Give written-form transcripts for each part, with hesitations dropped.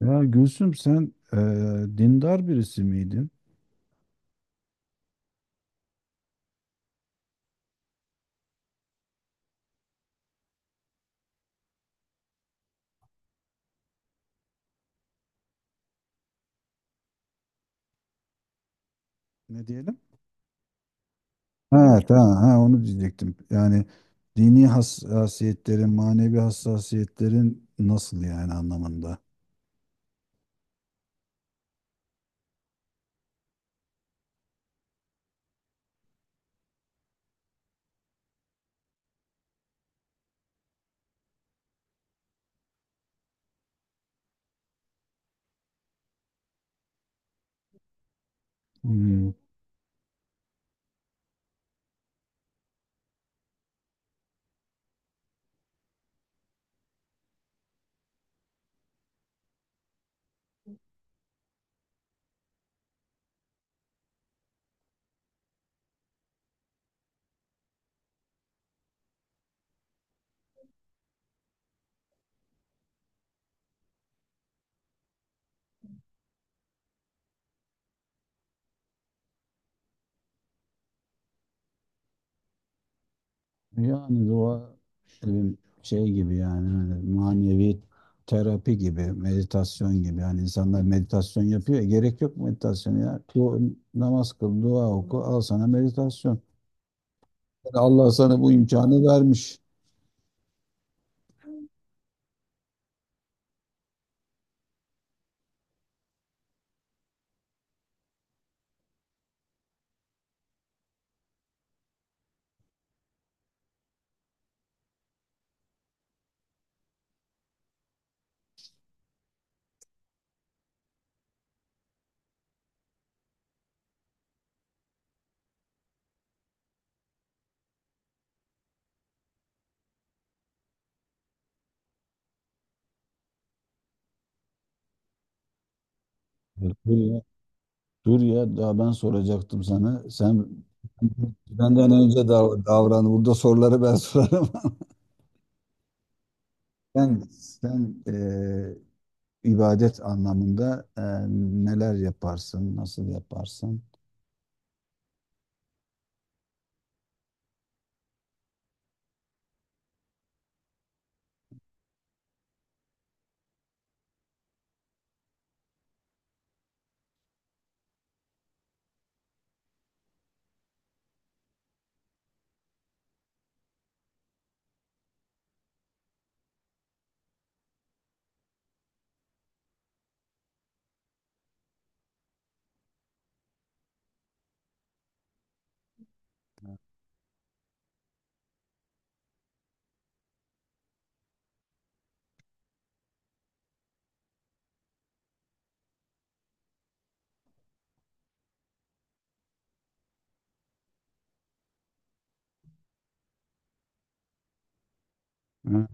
Ya Gülsüm sen dindar birisi miydin? Ne diyelim? Evet, ha, tamam, ha, onu diyecektim. Yani dini hassasiyetlerin, manevi hassasiyetlerin nasıl yani anlamında? Hmm. Yani dua e, şey gibi yani hani manevi terapi gibi, meditasyon gibi. Yani insanlar meditasyon yapıyor. Ya, gerek yok meditasyon ya. Namaz kıl, dua oku, al sana meditasyon. Yani Allah sana bu imkanı vermiş. Ya dur ya, dur ya, daha ben soracaktım sana. Sen benden önce davran. Burada soruları ben sorarım. Sen, sen ibadet anlamında neler yaparsın, nasıl yaparsın? Hı.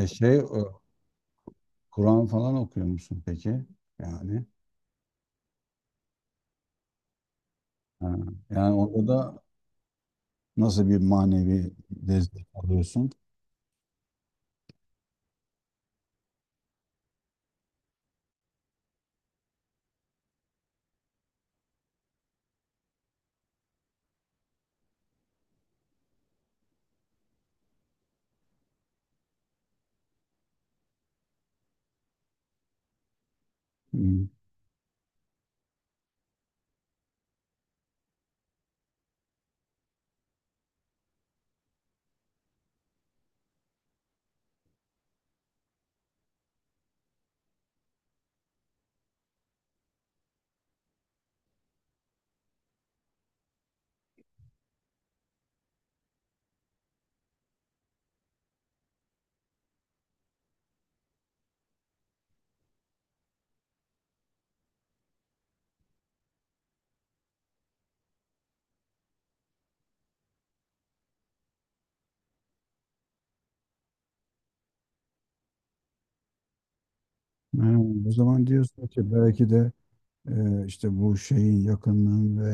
E şey, o, Kur'an falan okuyor musun peki? Yani, ha, yani orada da nasıl bir manevi destek alıyorsun? Hı. Ha, o zaman diyorsun ki belki de işte bu şeyin yakınlığın ve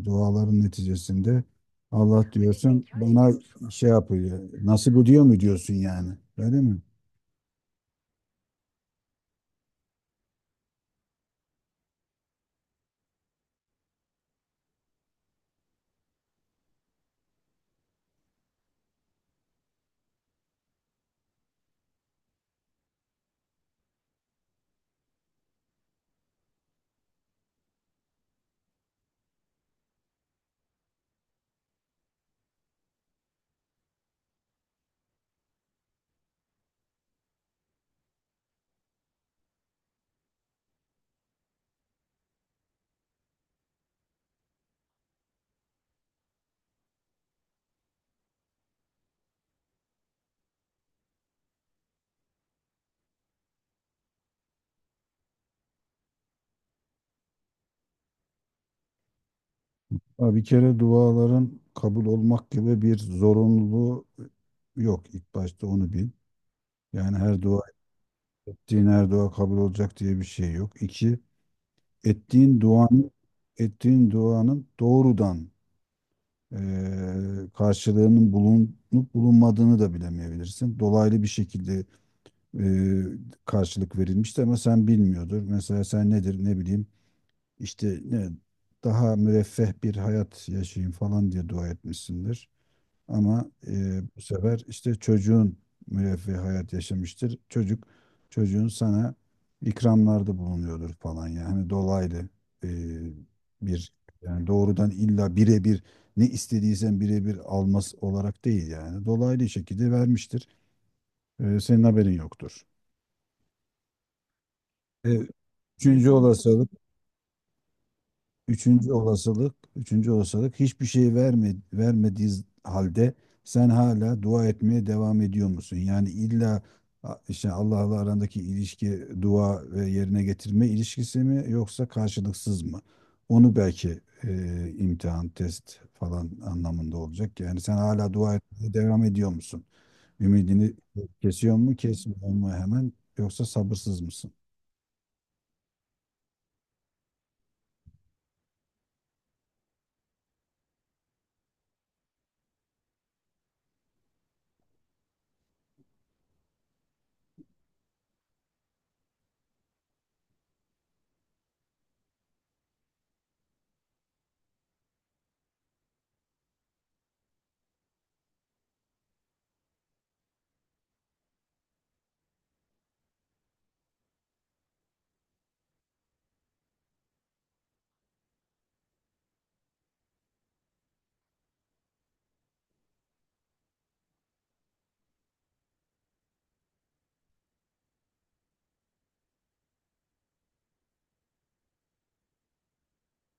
duaların neticesinde Allah diyorsun bana şey yapıyor. Nasip ediyor mu diyorsun yani? Öyle mi? Ha, bir kere duaların kabul olmak gibi bir zorunluluğu yok. İlk başta onu bil. Yani her dua ettiğin her dua kabul olacak diye bir şey yok. İki, ettiğin duanın ettiğin duanın doğrudan karşılığının bulunup bulunmadığını da bilemeyebilirsin. Dolaylı bir şekilde e, karşılık verilmişti ama sen bilmiyordur. Mesela sen nedir ne bileyim işte daha müreffeh bir hayat yaşayayım falan diye dua etmişsindir. Ama bu sefer işte çocuğun müreffeh hayat yaşamıştır. Çocuğun sana ikramlarda bulunuyordur falan. Yani hani dolaylı e, bir yani doğrudan illa birebir ne istediysen birebir alması olarak değil, yani dolaylı şekilde vermiştir. E, senin haberin yoktur. E, üçüncü olasılık, üçüncü olasılık hiçbir şey vermediği halde sen hala dua etmeye devam ediyor musun? Yani illa işte Allah'la arandaki ilişki dua ve yerine getirme ilişkisi mi, yoksa karşılıksız mı? Onu belki imtihan, test falan anlamında olacak. Yani sen hala dua etmeye devam ediyor musun? Ümidini kesiyor mu, kesmiyor mu hemen, yoksa sabırsız mısın?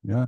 Ya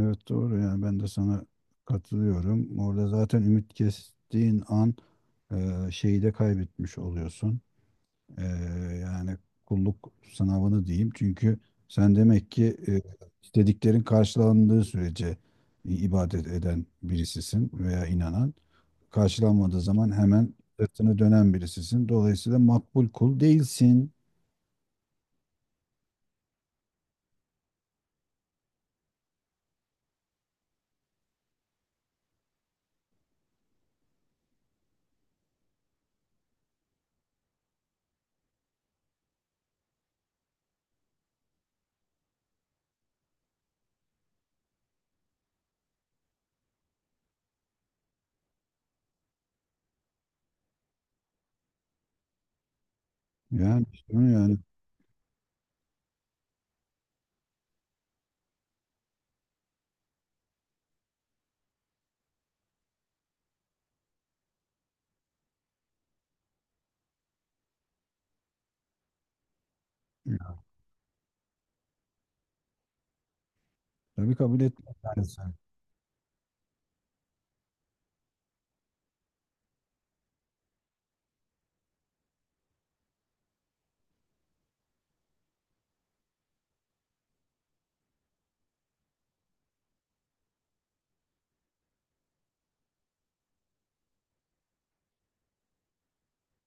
evet, doğru, yani ben de sana katılıyorum. Orada zaten ümit kestiğin an şeyi de kaybetmiş oluyorsun. E, yani kulluk sınavını diyeyim. Çünkü sen demek ki istediklerin karşılandığı sürece ibadet eden birisisin veya inanan. Karşılanmadığı zaman hemen sırtını dönen birisisin. Dolayısıyla makbul kul değilsin. Yani bunu yani tabii kabul etmez.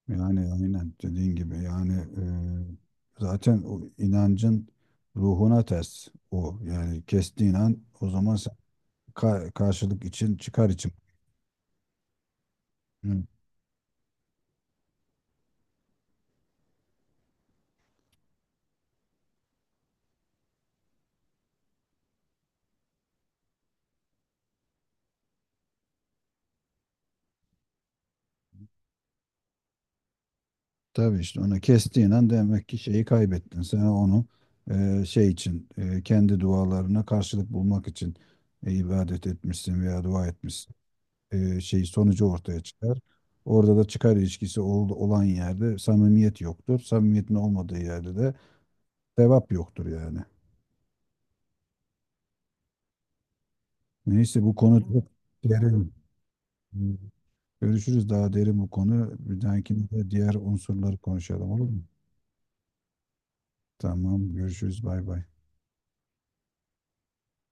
Yani aynen dediğin gibi, yani zaten o inancın ruhuna ters o. Yani kestiğin an o zaman sen karşılık için, çıkar için. Hı. Tabii, işte onu kestiğin an demek ki şeyi kaybettin. Sen onu şey için, kendi dualarına karşılık bulmak için ibadet etmişsin veya dua etmişsin. E, şey sonucu ortaya çıkar. Orada da çıkar ilişkisi olan yerde samimiyet yoktur. Samimiyetin olmadığı yerde de sevap yoktur yani. Neyse, bu konu çok derin. Görüşürüz, daha derin bu konu. Bir dahakine de diğer unsurları konuşalım, olur mu? Tamam, görüşürüz, bay bay.